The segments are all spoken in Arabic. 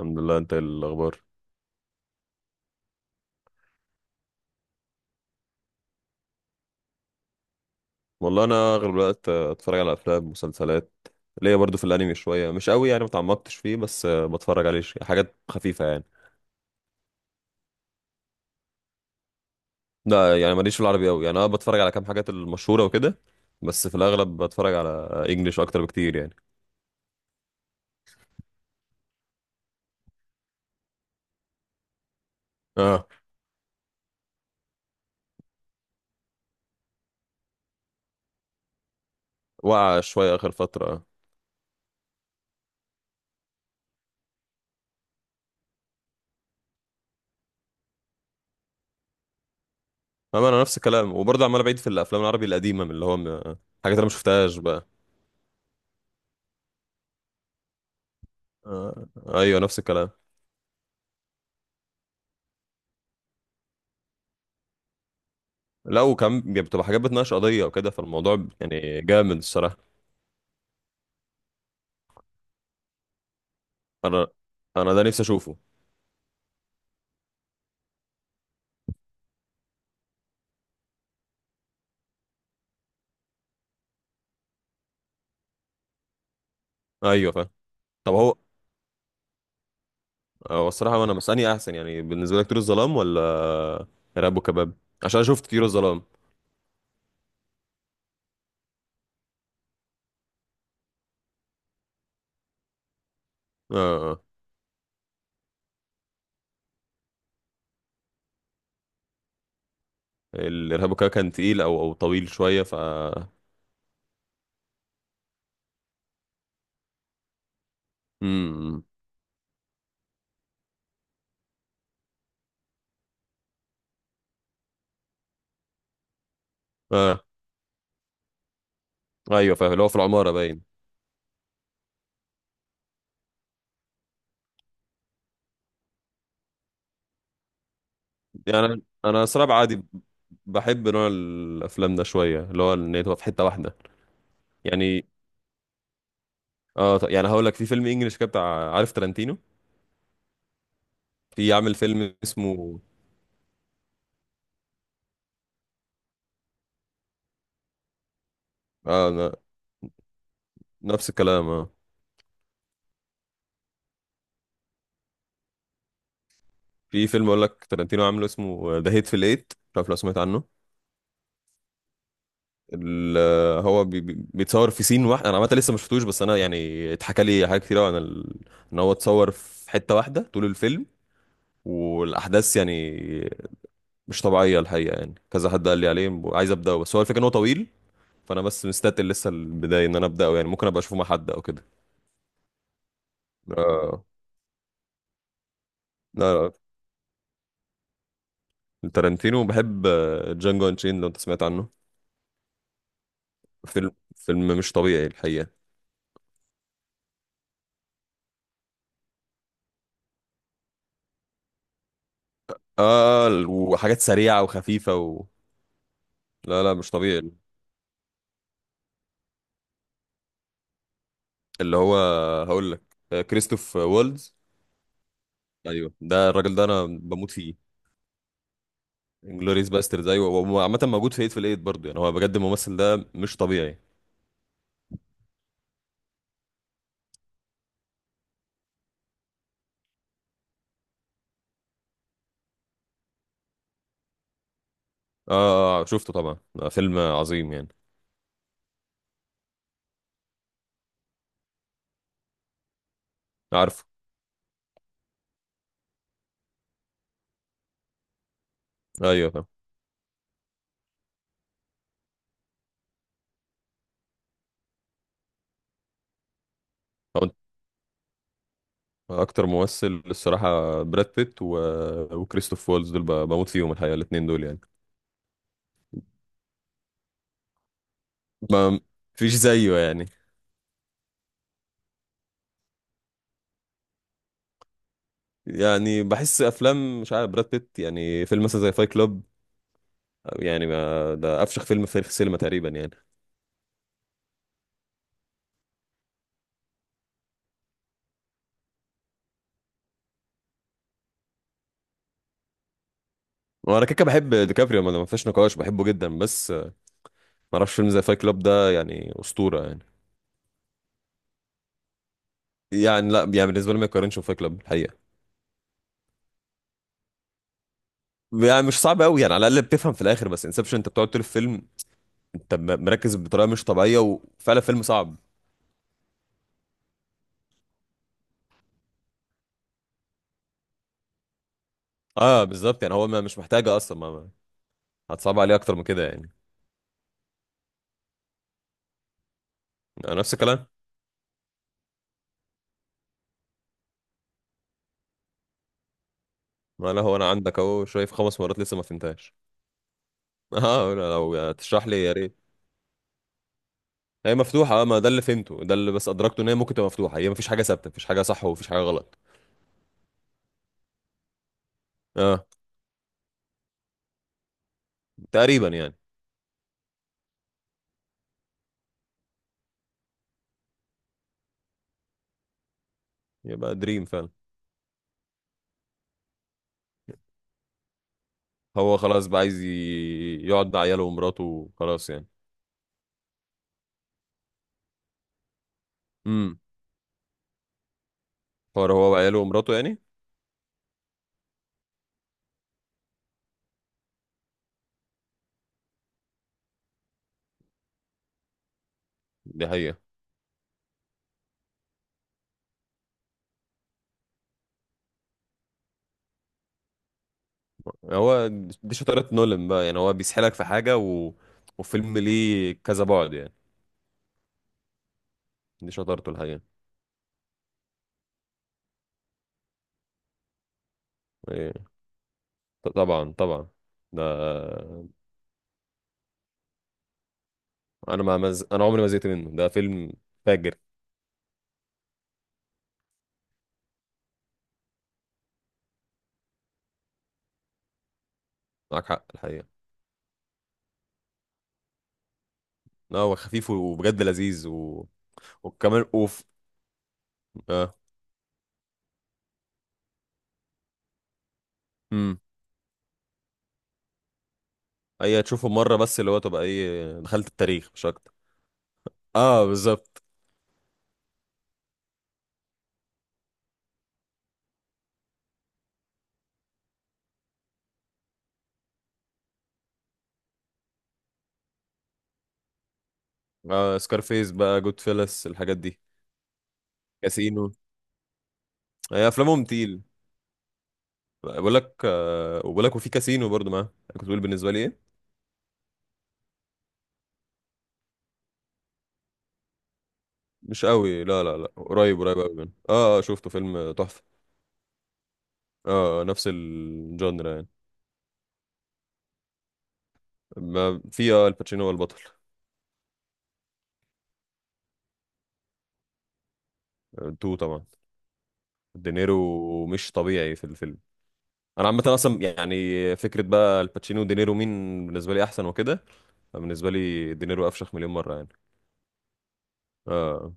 الحمد لله. انت ايه الاخبار؟ والله انا اغلب الوقت اتفرج على افلام مسلسلات. ليا برضو في الانمي شويه، مش قوي يعني، ما اتعمقتش فيه، بس بتفرج عليه حاجات خفيفه يعني. لا يعني ماليش في العربي قوي يعني، انا بتفرج على كام حاجات المشهوره وكده، بس في الاغلب بتفرج على انجليش اكتر بكتير يعني. اه. وقع شويه اخر فتره اه. اما انا نفس الكلام، وبرضه عمال بعيد في الافلام العربي القديمه، من اللي هو حاجات انا ما شفتهاش بقى. آه. ايوه نفس الكلام. لا وكم بتبقى حاجات بتناقش قضيه وكده، فالموضوع يعني جامد الصراحه. انا انا ده نفسي اشوفه. ايوه فاهم. طب هو هو الصراحه انا مساني احسن، يعني بالنسبه لك طيور الظلام ولا ارهاب وكباب؟ عشان انا شفت طيور الظلام. اه اه. الارهاب وكباب كان تقيل، او طويل شويه ف... امم. اه ايوه فاهم، اللي هو في العماره باين. يعني أنا صراحه عادي، بحب نوع الافلام ده شويه، اللي هو ان هي تبقى في حته واحده. يعني اه يعني هقول لك في فيلم انجليش كده بتاع، عارف تارانتينو؟ في عامل فيلم اسمه، اه نفس الكلام اه. في فيلم اقول لك تارانتينو عامله، اسمه ذا هيت في الايت، مش عارف لو سمعت عنه. ال- هو بيتصور في سين واحد. انا عامه لسه ما شفتوش، بس انا يعني اتحكى لي حاجات كتير قوي عن ان هو اتصور في حته واحده طول الفيلم، والاحداث يعني مش طبيعيه الحقيقه، يعني كذا حد قال لي عليه، عايز ابداه، بس هو الفكره ان هو طويل، فانا بس مستتقل لسه البدايه ان انا ابداه، يعني ممكن ابقى اشوفه مع حد او كده. آه، لا لا تارانتينو بحب. جانجو انشين، لو انت سمعت عنه؟ فيلم مش طبيعي الحقيقه. اه وحاجات سريعة وخفيفة لا لا مش طبيعي. اللي هو هقول لك، كريستوف وولدز. ايوه ده الراجل ده انا بموت فيه. انجلوريس باسترد ايوه، هو عامة موجود في ايت في الايت برضه، يعني هو بجد الممثل ده مش طبيعي اه. شفته طبعا. فيلم عظيم يعني. عارفه. ايوه فاهم. هو اكتر ممثل الصراحة براد بيت وكريستوف وولدز، دول بموت فيهم الحقيقة، الاتنين دول يعني ما فيش زيه يعني. يعني بحس افلام مش عارف، براد بيت يعني فيلم مثلا زي فايت كلوب، يعني ما ده افشخ فيلم في تاريخ السينما تقريبا يعني. وانا كده كده بحب ديكابريو، ما ما فيش نقاش، بحبه جدا، بس ما اعرفش فيلم زي فايت كلاب ده يعني، اسطوره يعني. يعني لا يعني بالنسبه لي ما يقارنش بفايت كلاب الحقيقه. يعني مش صعب قوي يعني، على الاقل بتفهم في الاخر، بس انسبشن انت بتقعد طول الفيلم انت مركز بطريقه مش طبيعيه، وفعلا فيلم صعب. اه بالظبط، يعني هو ما مش محتاجه اصلا، هتصعب عليه اكتر من كده يعني. أنا نفس الكلام. ما لا هو انا عندك اهو شايف خمس مرات لسه ما فهمتهاش. اه لو تشرح لي يا ريت. هي مفتوحة اه، ما ده اللي فهمته، ده اللي بس أدركته، إن هي ممكن تبقى مفتوحة، هي مفيش حاجة ثابتة، مفيش حاجة صح ومفيش حاجة غلط. اه تقريبا يعني. يبقى دريم فعلا. هو خلاص بقى عايز يقعد مع عياله ومراته وخلاص يعني. امم. حوار هو وعياله ومراته يعني. دي حقيقة. هو دي شطارة نولان بقى، يعني هو بيسحلك في حاجة وفيلم ليه كذا بعد يعني. دي شطارته الحقيقة. إيه. طبعا طبعا ده. أنا عمري ما زهقت منه، ده فيلم فاجر. معاك حق الحقيقة. اه هو خفيف وبجد لذيذ وكمان اوف. اه. امم. اي تشوفه مره بس، اللي هو تبقى ايه دخلت التاريخ مش اكتر. اه بالظبط. آه سكارفيس بقى، جود فيلس، الحاجات دي. كاسينو. هي افلامهم تقيل. بقول لك آه، وبقول لك وفي كاسينو برضو معاه كنت بقول، بالنسبه لي ايه مش قوي، لا لا لا قريب قريب قوي منه اه. شفته فيلم تحفه. اه نفس الجانر يعني. ما في اه الباتشينو هو البطل. تو طبعا. دينيرو مش طبيعي في الفيلم. انا عامه اصلا يعني فكره بقى الباتشينو ودينيرو، مين بالنسبه لي احسن وكده. بالنسبه لي دينيرو افشخ مليون مره يعني. اه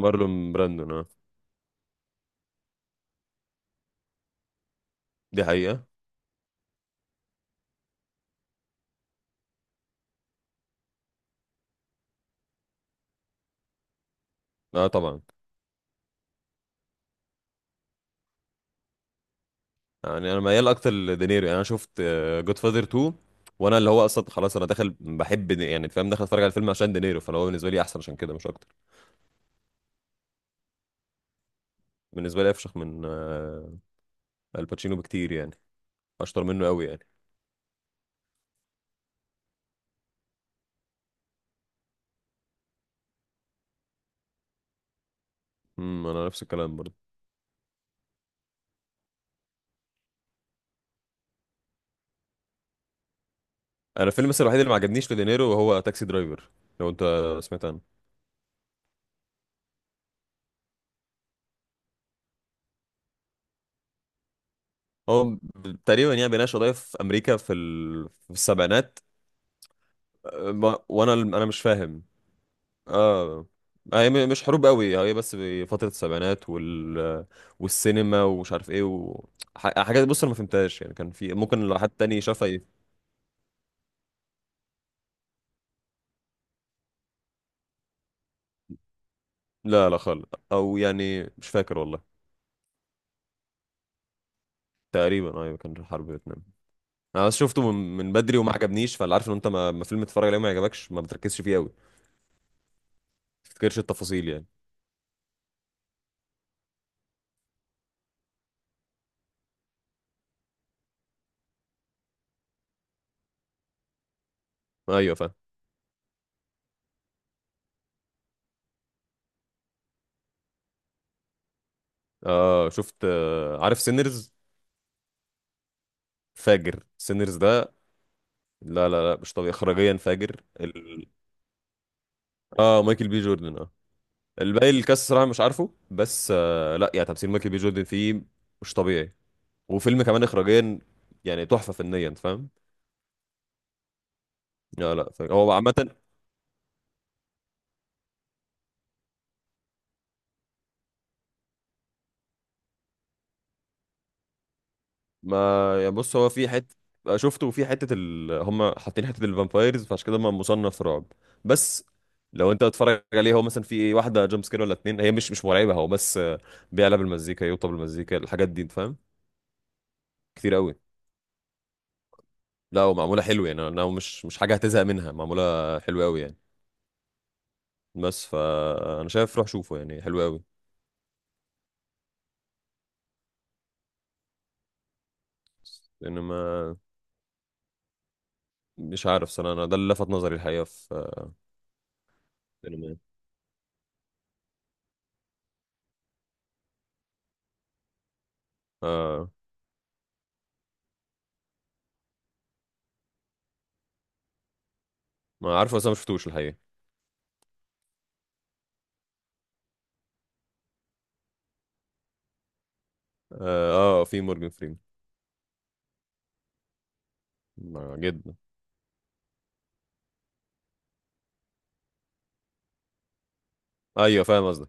مارلون براندون اه. دي حقيقه. اه طبعا. يعني انا ميال اكتر لدينيرو، يعني انا شفت جود فاذر 2، وانا اللي هو اصلا خلاص، انا داخل بحب يعني فاهم، داخل اتفرج على الفيلم عشان دينيرو، فهو بالنسبه لي احسن عشان كده مش اكتر. بالنسبه لي افشخ من آه الباتشينو بكتير يعني، اشطر منه قوي يعني. انا نفس الكلام برضه. انا الفيلم بس الوحيد اللي ما عجبنيش لدينيرو هو تاكسي درايفر، لو انت سمعت عنه. هو تقريبا يعني بيناقش قضايا في امريكا في، في السبعينات. أه، ما- وانا مش فاهم. اه. هي مش حروب قوي، هي بس فترة السبعينات والسينما ومش عارف ايه حاجات بص انا ما فهمتهاش يعني، كان في ممكن لو حد تاني شافها ي... لا لا خالص. او يعني مش فاكر والله. تقريبا ايوه كان حرب فيتنام. انا بس شفته من، من بدري وما عجبنيش، فاللي عارف ان انت ما ما فيلم تتفرج عليه ما يعجبكش ما بتركزش فيه قوي، ما تفتكرش التفاصيل يعني. ايوه فاهم. آه شفت آه، عارف سينرز؟ فاجر سينرز ده. لا لا لا مش طبيعي اخراجيا، فاجر اه مايكل بي جوردن اه. الباقي الكاس صراحه مش عارفه، بس آه لا يعني تمثيل مايكل بي جوردن فيه مش طبيعي، وفيلم كمان اخراجيا يعني تحفه فنيا فاهم. لا لا فاجر. هو عامه. ما يعني بص هو في حته، شفته في حته هم حاطين حته الفامبايرز، فعشان كده ما مصنف رعب. بس لو انت بتتفرج عليه هو مثلا في واحده جامب سكير ولا اتنين، هي مش مش مرعبه، هو بس بيعلى بالمزيكا، يوطى بالمزيكا، الحاجات دي انت فاهم. كتير قوي. لا ومعموله حلو يعني، انا مش مش حاجه هتزهق منها، معموله حلوه قوي يعني. بس فانا شايف روح شوفه يعني، حلو قوي. لان ما مش عارف صراحه، انا ده اللي لفت نظري الحقيقه في الفيلم يعني. اه ما عارفه، بس انا ما شفتوش الحقيقه. اه، في مورجان فريمان. آه جدا. ايوه فاهم قصدك.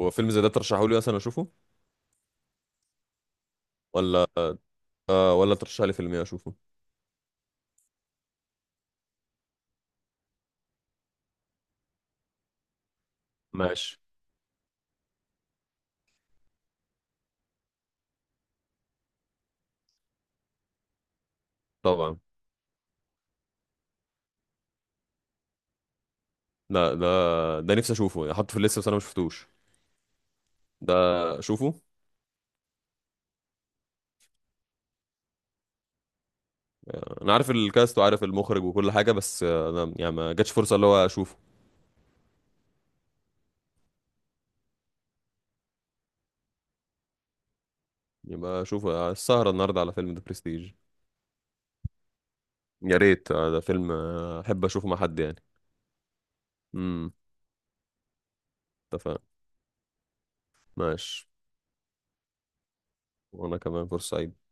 هو فيلم زي ده ترشحه لي اصلا اشوفه ولا؟ آه ولا ترشح لي فيلم إيه اشوفه. ماشي. طبعا. لا ده ده نفسي اشوفه يعني، حاطه في الليسته بس انا ما شفتوش. ده اشوفه. انا عارف الكاست وعارف المخرج وكل حاجه، بس انا يعني ما جاتش فرصه اللي هو اشوفه. يبقى اشوفه السهره النهارده على فيلم ذا برستيج. يا ريت ده فيلم احب اشوفه مع حد يعني. امم. اتفقنا. ماشي. وانا كمان فرصه سعيد.